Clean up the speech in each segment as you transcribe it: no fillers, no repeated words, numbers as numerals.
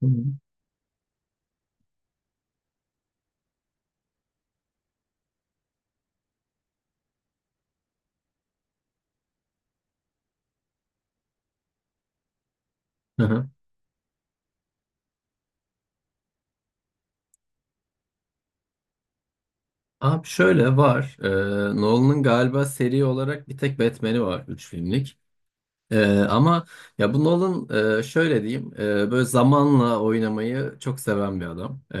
Hı hı. Aha. Abi şöyle var. Nolan'ın galiba seri olarak bir tek Batman'i var. 3 filmlik. Ama ya bu Nolan şöyle diyeyim, böyle zamanla oynamayı çok seven bir adam.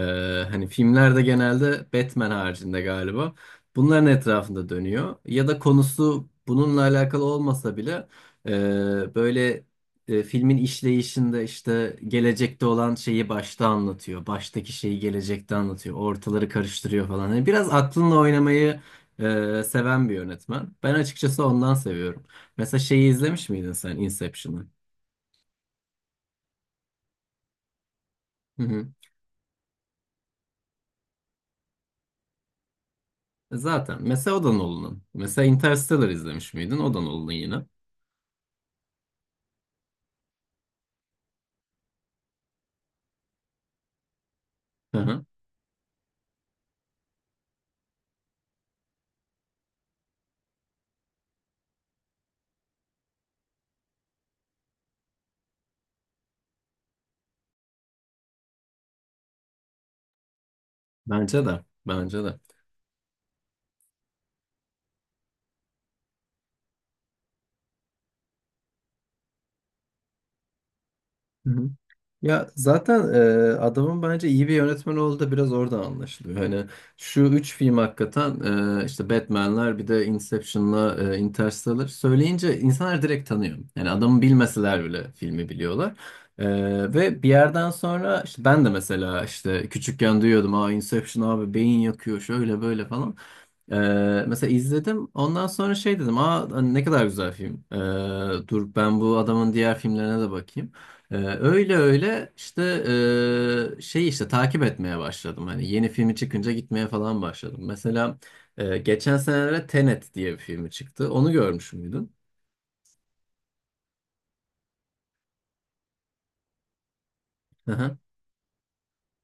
Hani filmlerde genelde Batman haricinde galiba bunların etrafında dönüyor. Ya da konusu bununla alakalı olmasa bile, böyle, filmin işleyişinde işte gelecekte olan şeyi başta anlatıyor. Baştaki şeyi gelecekte anlatıyor. Ortaları karıştırıyor falan. Yani biraz aklınla oynamayı seven bir yönetmen. Ben açıkçası ondan seviyorum. Mesela şeyi izlemiş miydin sen, Inception'ı? Hı hı. Zaten. Mesela o da Nolan'ın. Mesela Interstellar izlemiş miydin? O da Nolan'ın yine. Hı hı. Bence de. Bence de. Hı hı. Ya zaten adamın bence iyi bir yönetmen olduğu da biraz oradan anlaşılıyor. Hani şu üç film hakikaten, işte Batman'ler bir de Inception'la, Interstellar söyleyince insanlar direkt tanıyor. Yani adamı bilmeseler bile filmi biliyorlar. E, ve bir yerden sonra işte ben de mesela işte küçükken duyuyordum. Aa, Inception abi beyin yakıyor şöyle böyle falan. E, mesela izledim. Ondan sonra şey dedim. Aa hani ne kadar güzel film. Dur ben bu adamın diğer filmlerine de bakayım. Öyle öyle işte şey işte takip etmeye başladım. Hani yeni filmi çıkınca gitmeye falan başladım. Mesela geçen senelerde Tenet diye bir filmi çıktı. Onu görmüş müydün?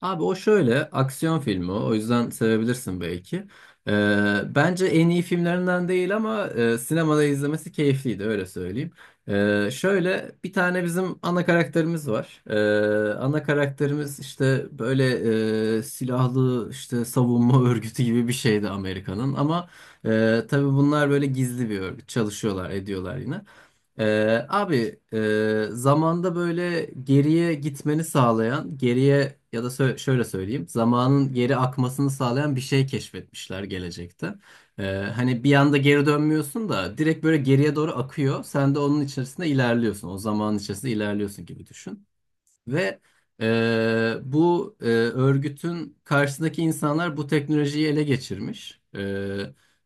Abi o şöyle, aksiyon filmi o. O yüzden sevebilirsin belki. Bence en iyi filmlerinden değil ama sinemada izlemesi keyifliydi, öyle söyleyeyim. Şöyle bir tane bizim ana karakterimiz var. Ana karakterimiz işte böyle, silahlı işte savunma örgütü gibi bir şeydi Amerika'nın ama tabii bunlar böyle gizli bir örgüt, çalışıyorlar ediyorlar yine. Abi zamanda böyle geriye gitmeni sağlayan, geriye ya da şöyle söyleyeyim, zamanın geri akmasını sağlayan bir şey keşfetmişler gelecekte. Ee, hani bir anda geri dönmüyorsun da direkt böyle geriye doğru akıyor. Sen de onun içerisinde ilerliyorsun. O zamanın içerisinde ilerliyorsun gibi düşün. Ve bu örgütün karşısındaki insanlar bu teknolojiyi ele geçirmiş.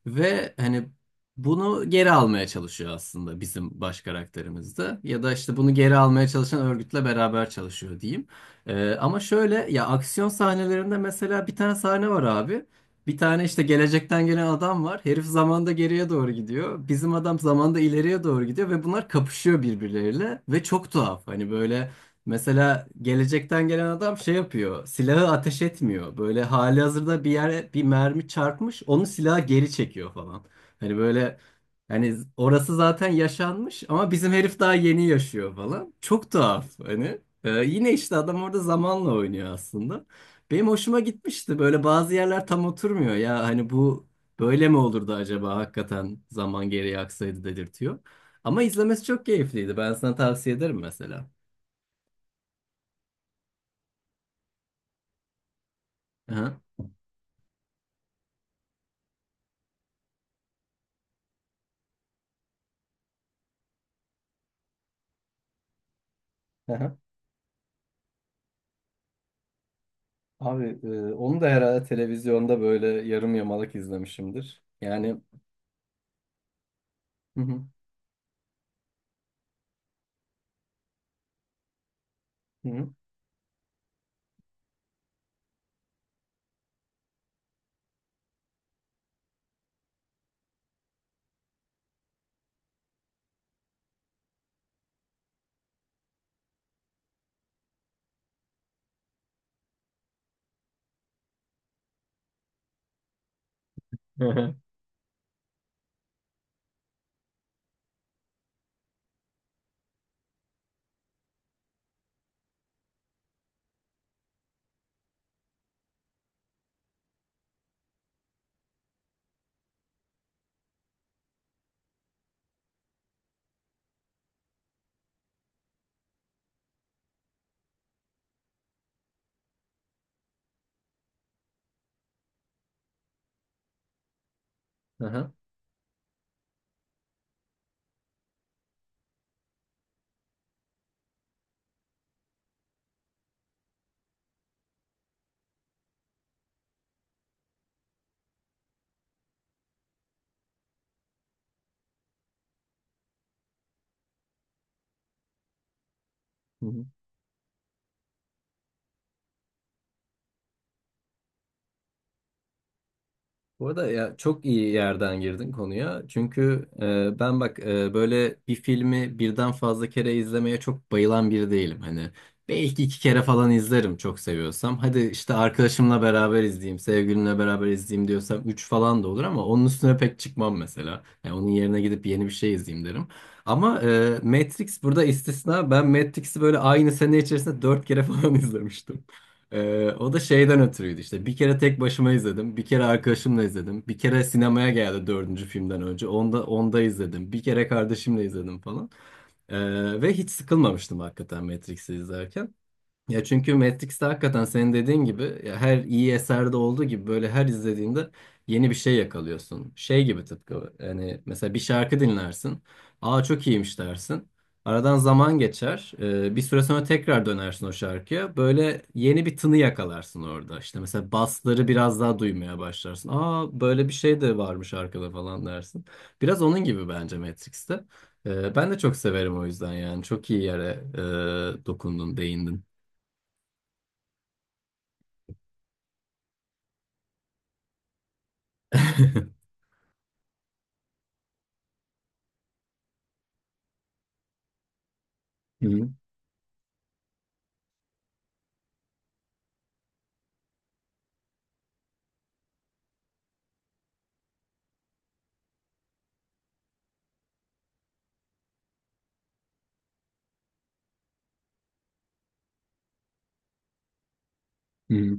Ve hani bunu geri almaya çalışıyor aslında bizim baş karakterimiz de. Ya da işte bunu geri almaya çalışan örgütle beraber çalışıyor, diyeyim. Ama şöyle, ya aksiyon sahnelerinde mesela bir tane sahne var abi. Bir tane işte gelecekten gelen adam var. Herif zamanda geriye doğru gidiyor. Bizim adam zamanda ileriye doğru gidiyor ve bunlar kapışıyor birbirleriyle ve çok tuhaf. Hani böyle, mesela gelecekten gelen adam şey yapıyor. Silahı ateş etmiyor. Böyle halihazırda bir yere bir mermi çarpmış, onu silaha geri çekiyor falan. Hani böyle, hani orası zaten yaşanmış ama bizim herif daha yeni yaşıyor falan. Çok tuhaf hani. Yine işte adam orada zamanla oynuyor aslında. Benim hoşuma gitmişti. Böyle bazı yerler tam oturmuyor. Ya hani bu böyle mi olurdu acaba, hakikaten zaman geriye aksaydı, dedirtiyor. Ama izlemesi çok keyifliydi. Ben sana tavsiye ederim mesela. Aha. Abi onu da herhalde televizyonda böyle yarım yamalak izlemişimdir. Yani hı hı, hı hı. Hı hı. Aha. Bu arada ya çok iyi yerden girdin konuya. Çünkü ben bak böyle bir filmi birden fazla kere izlemeye çok bayılan biri değilim. Hani belki 2 kere falan izlerim çok seviyorsam. Hadi işte arkadaşımla beraber izleyeyim, sevgilimle beraber izleyeyim diyorsam üç falan da olur ama onun üstüne pek çıkmam mesela. Yani onun yerine gidip yeni bir şey izleyeyim derim. Ama Matrix burada istisna. Ben Matrix'i böyle aynı sene içerisinde 4 kere falan izlemiştim. O da şeyden ötürüydü işte. Bir kere tek başıma izledim. Bir kere arkadaşımla izledim. Bir kere sinemaya geldi dördüncü filmden önce. Onda izledim. Bir kere kardeşimle izledim falan. Ve hiç sıkılmamıştım hakikaten Matrix'i izlerken. Ya çünkü Matrix'te hakikaten senin dediğin gibi, ya her iyi eserde olduğu gibi böyle her izlediğinde yeni bir şey yakalıyorsun. Şey gibi, tıpkı yani, mesela bir şarkı dinlersin. Aa çok iyiymiş dersin. Aradan zaman geçer. Bir süre sonra tekrar dönersin o şarkıya. Böyle yeni bir tını yakalarsın orada. İşte mesela basları biraz daha duymaya başlarsın. Aa böyle bir şey de varmış arkada falan dersin. Biraz onun gibi bence Matrix'te. Ben de çok severim o yüzden yani. Çok iyi yere dokundun, değindin. Hı hı, hı hı,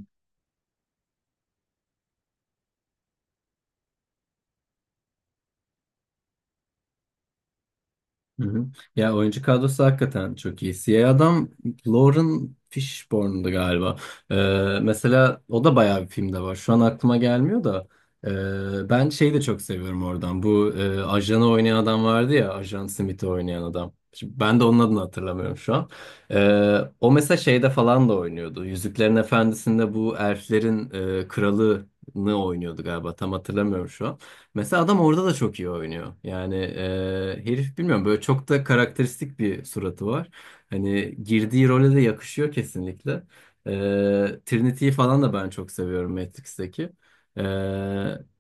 hı hı. Ya oyuncu kadrosu hakikaten çok iyi. Siyah adam Lauren Fishburne'du galiba. Ee, mesela o da bayağı bir filmde var. Şu an aklıma gelmiyor da. Ben şeyi de çok seviyorum oradan. Bu ajanı oynayan adam vardı ya. Ajan Smith'i oynayan adam. Şimdi ben de onun adını hatırlamıyorum şu an. O mesela şeyde falan da oynuyordu. Yüzüklerin Efendisi'nde bu elflerin kralını oynuyordu galiba. Tam hatırlamıyorum şu an. Mesela adam orada da çok iyi oynuyor. Yani herif, bilmiyorum, böyle çok da karakteristik bir suratı var. Hani girdiği role de yakışıyor kesinlikle. E, Trinity'yi falan da ben çok seviyorum, Matrix'teki. E,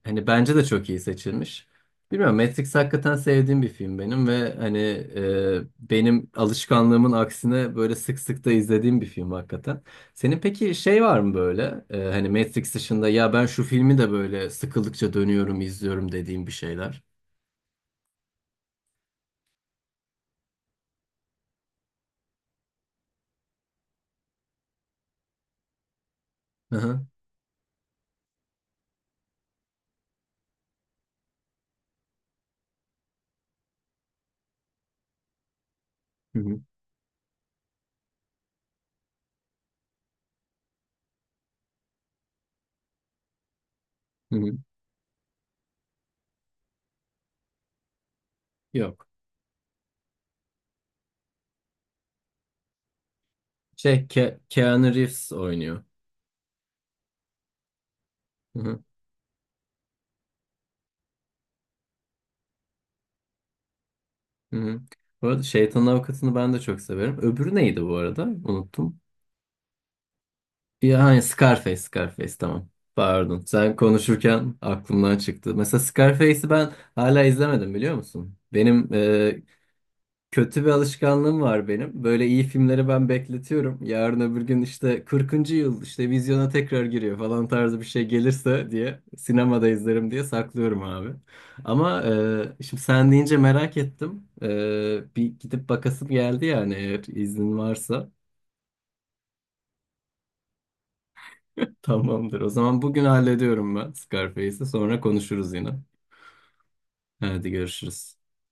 hani bence de çok iyi seçilmiş. Bilmiyorum, Matrix hakikaten sevdiğim bir film benim ve hani benim alışkanlığımın aksine böyle sık sık da izlediğim bir film hakikaten. Senin peki şey var mı böyle, hani Matrix dışında, ya ben şu filmi de böyle sıkıldıkça dönüyorum izliyorum dediğim bir şeyler. Hı hı. Hı hı. Hı hı. Yok. Şey, Keanu Reeves oynuyor. Hı hı. Hı hı. Bu arada Şeytanın Avukatı'nı ben de çok severim. Öbürü neydi bu arada? Unuttum. Ya hani Scarface, Scarface, tamam. Pardon. Sen konuşurken aklımdan çıktı. Mesela Scarface'i ben hala izlemedim, biliyor musun? Benim kötü bir alışkanlığım var benim. Böyle iyi filmleri ben bekletiyorum. Yarın öbür gün işte 40. yıl işte vizyona tekrar giriyor falan tarzı bir şey gelirse diye sinemada izlerim diye saklıyorum abi. Ama şimdi sen deyince merak ettim. Bir gidip bakasım geldi yani, eğer iznin varsa. Tamamdır. O zaman bugün hallediyorum ben Scarface'i. Sonra konuşuruz yine. Hadi görüşürüz.